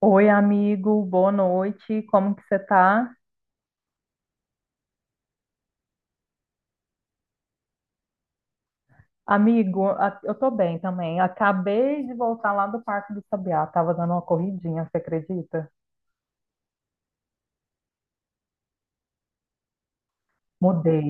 Oi, amigo, boa noite. Como que você tá? Amigo, eu tô bem também. Acabei de voltar lá do Parque do Sabiá. Tava dando uma corridinha, você acredita? Mudei.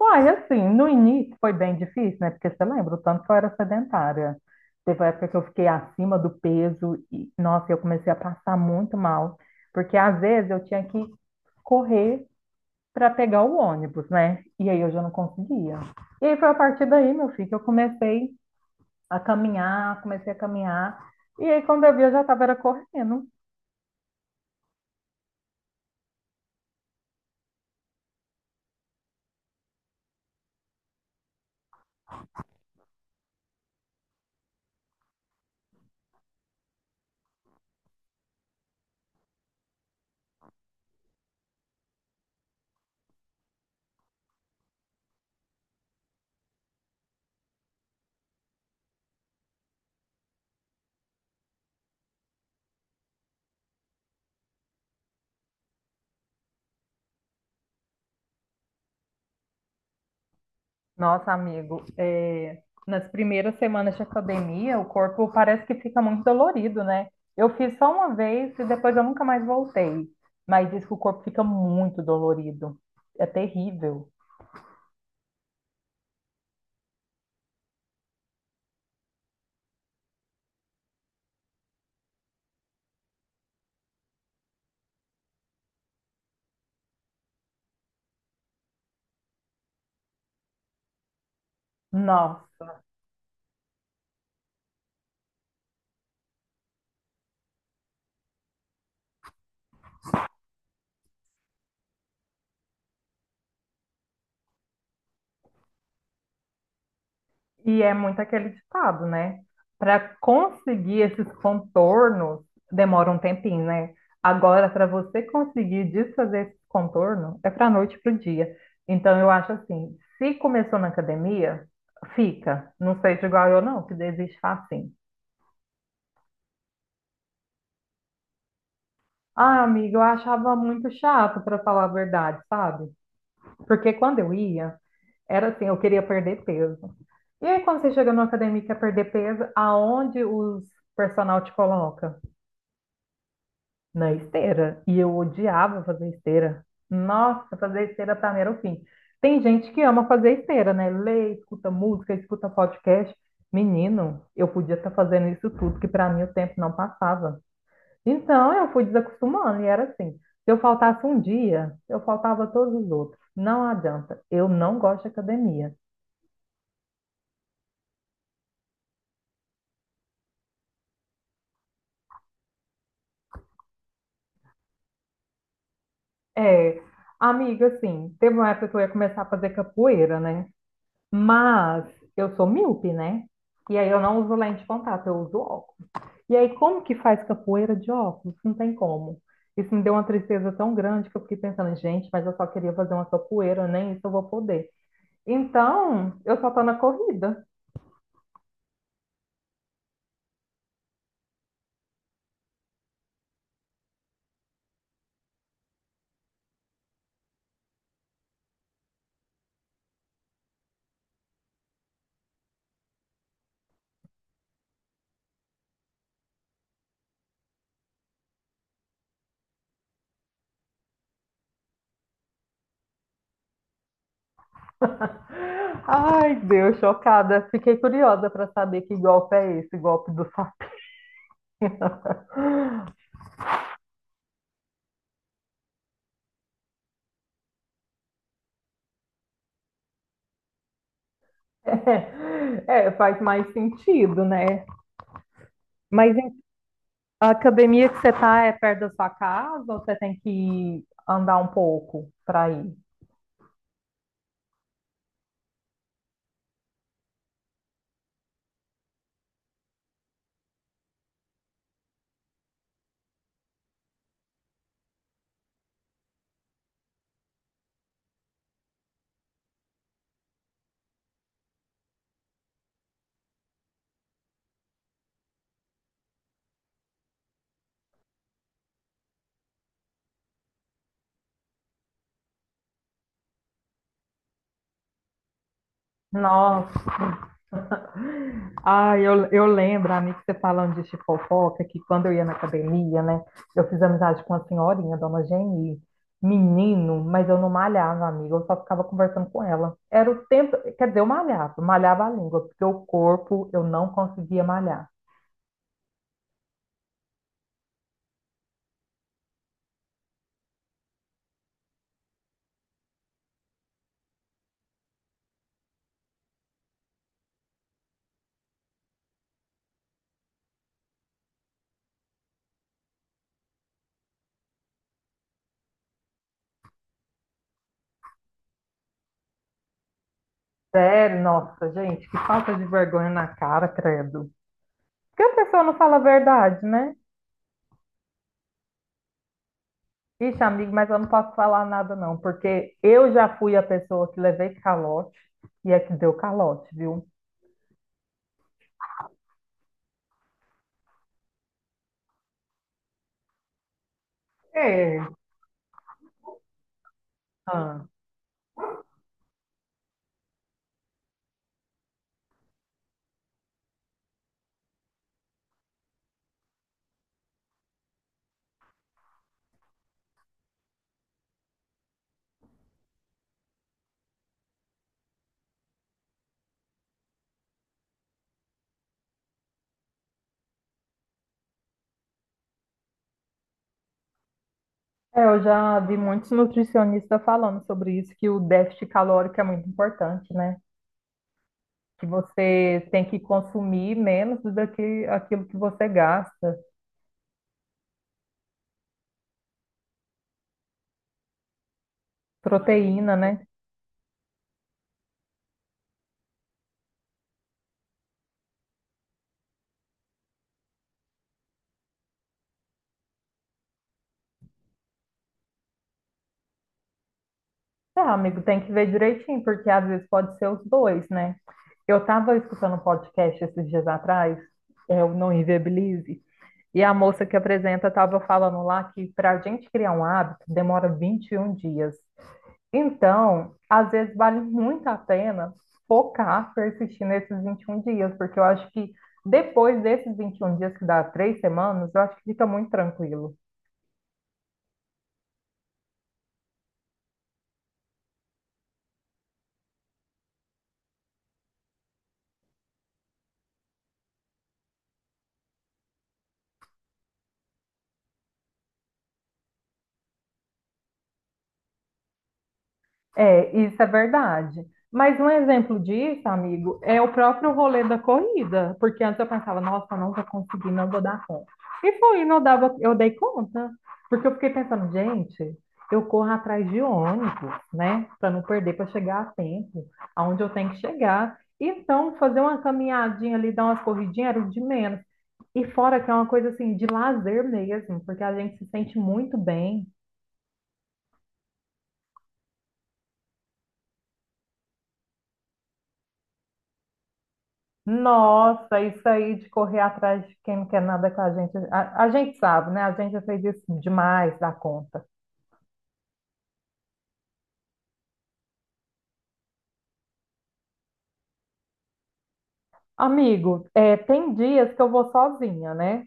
Uai, assim, no início foi bem difícil, né? Porque você lembra o tanto que eu era sedentária. Teve uma época que eu fiquei acima do peso e, nossa, eu comecei a passar muito mal. Porque às vezes eu tinha que correr para pegar o ônibus, né? E aí eu já não conseguia. E aí foi a partir daí, meu filho, que eu comecei a caminhar, comecei a caminhar. E aí, quando eu vi, eu já estava era correndo. Nossa, amigo, é, nas primeiras semanas de academia, o corpo parece que fica muito dolorido, né? Eu fiz só uma vez e depois eu nunca mais voltei. Mas diz que o corpo fica muito dolorido. É terrível. Nossa. E é muito aquele ditado, né? Para conseguir esses contornos, demora um tempinho, né? Agora, para você conseguir desfazer esse contorno, é para noite para o dia. Então, eu acho assim: se começou na academia, fica. Não seja igual eu, não, que desiste facinho. Ah, amiga, eu achava muito chato, para falar a verdade, sabe? Porque quando eu ia, era assim: eu queria perder peso. E aí, quando você chega numa academia e quer perder peso, aonde os personal te coloca? Na esteira. E eu odiava fazer esteira. Nossa, fazer esteira pra mim era o fim. Tem gente que ama fazer esteira, né? Lê, escuta música, escuta podcast. Menino, eu podia estar fazendo isso tudo, que pra mim o tempo não passava. Então eu fui desacostumando e era assim. Se eu faltasse um dia, eu faltava todos os outros. Não adianta. Eu não gosto de academia. É, amiga, assim, teve uma época que eu ia começar a fazer capoeira, né? Mas eu sou míope, né? E aí eu não uso lente de contato, eu uso óculos. E aí, como que faz capoeira de óculos? Não tem como. Isso me deu uma tristeza tão grande que eu fiquei pensando, gente, mas eu só queria fazer uma capoeira, nem isso eu vou poder. Então, eu só tô na corrida. Ai, Deus, chocada. Fiquei curiosa para saber que golpe é esse, golpe do sapinho. É, é, faz mais sentido, né? Mas a academia que você tá é perto da sua casa ou você tem que andar um pouco para ir? Nossa. Ah, eu lembro, amigo, você falando de fofoca, que quando eu ia na academia, né? Eu fiz amizade com uma senhorinha, dona Geni, menino, mas eu não malhava, amigo, eu só ficava conversando com ela. Era o tempo, quer dizer, eu malhava, malhava a língua, porque o corpo eu não conseguia malhar. Sério, nossa, gente, que falta de vergonha na cara, credo. Porque a pessoa não fala a verdade, né? Ixi, amigo, mas eu não posso falar nada, não, porque eu já fui a pessoa que levei calote e é que deu calote, viu? É. Ah. É, eu já vi muitos nutricionistas falando sobre isso, que o déficit calórico é muito importante, né? Que você tem que consumir menos do que aquilo que você gasta, proteína, né? É, amigo, tem que ver direitinho, porque às vezes pode ser os dois, né? Eu estava escutando um podcast esses dias atrás, é o Não Inviabilize, e a moça que apresenta estava falando lá que para a gente criar um hábito demora 21 dias. Então, às vezes vale muito a pena focar, persistir nesses 21 dias, porque eu acho que depois desses 21 dias, que dá três semanas, eu acho que fica muito tranquilo. É, isso é verdade. Mas um exemplo disso, amigo, é o próprio rolê da corrida, porque antes eu pensava, nossa, eu não vou conseguir, não vou dar conta. E foi, não dava, eu dei conta, porque eu fiquei pensando, gente, eu corro atrás de ônibus, né, para não perder, para chegar a tempo, aonde eu tenho que chegar. Então, fazer uma caminhadinha ali, dar umas corridinhas era o de menos. E fora que é uma coisa assim de lazer mesmo, porque a gente se sente muito bem. Nossa, isso aí de correr atrás de quem não quer nada com a gente. A gente sabe, né? A gente já fez isso demais da conta. Amigo, é, tem dias que eu vou sozinha, né?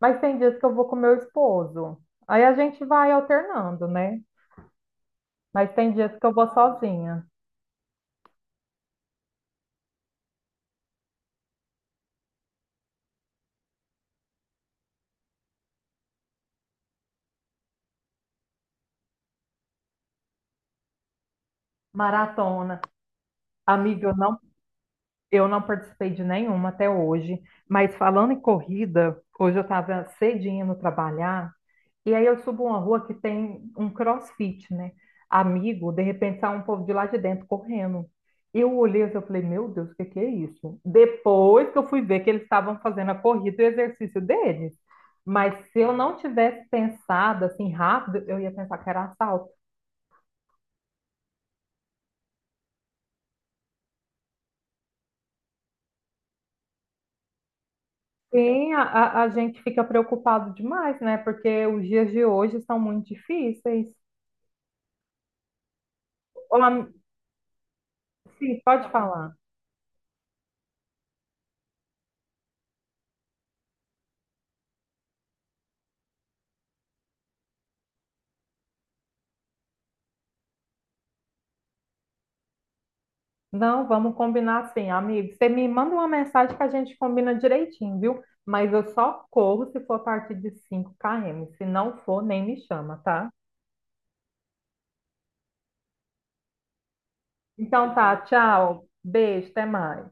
Mas tem dias que eu vou com meu esposo. Aí a gente vai alternando, né? Mas tem dias que eu vou sozinha. Maratona. Amigo, eu não participei de nenhuma até hoje. Mas falando em corrida, hoje eu estava cedinho no trabalhar. E aí eu subo uma rua que tem um CrossFit, né? Amigo, de repente sai um povo de lá de dentro correndo. Eu olhei assim, eu falei, meu Deus, o que que é isso? Depois que eu fui ver que eles estavam fazendo a corrida e o exercício deles. Mas se eu não tivesse pensado assim rápido, eu ia pensar que era assalto. Sim, a gente fica preocupado demais, né? Porque os dias de hoje são muito difícis. Olá, sim, pode falar. Não, vamos combinar assim, amigo. Você me manda uma mensagem que a gente combina direitinho, viu? Mas eu só corro se for a partir de 5 km. Se não for, nem me chama, tá? Então tá, tchau. Beijo, até mais.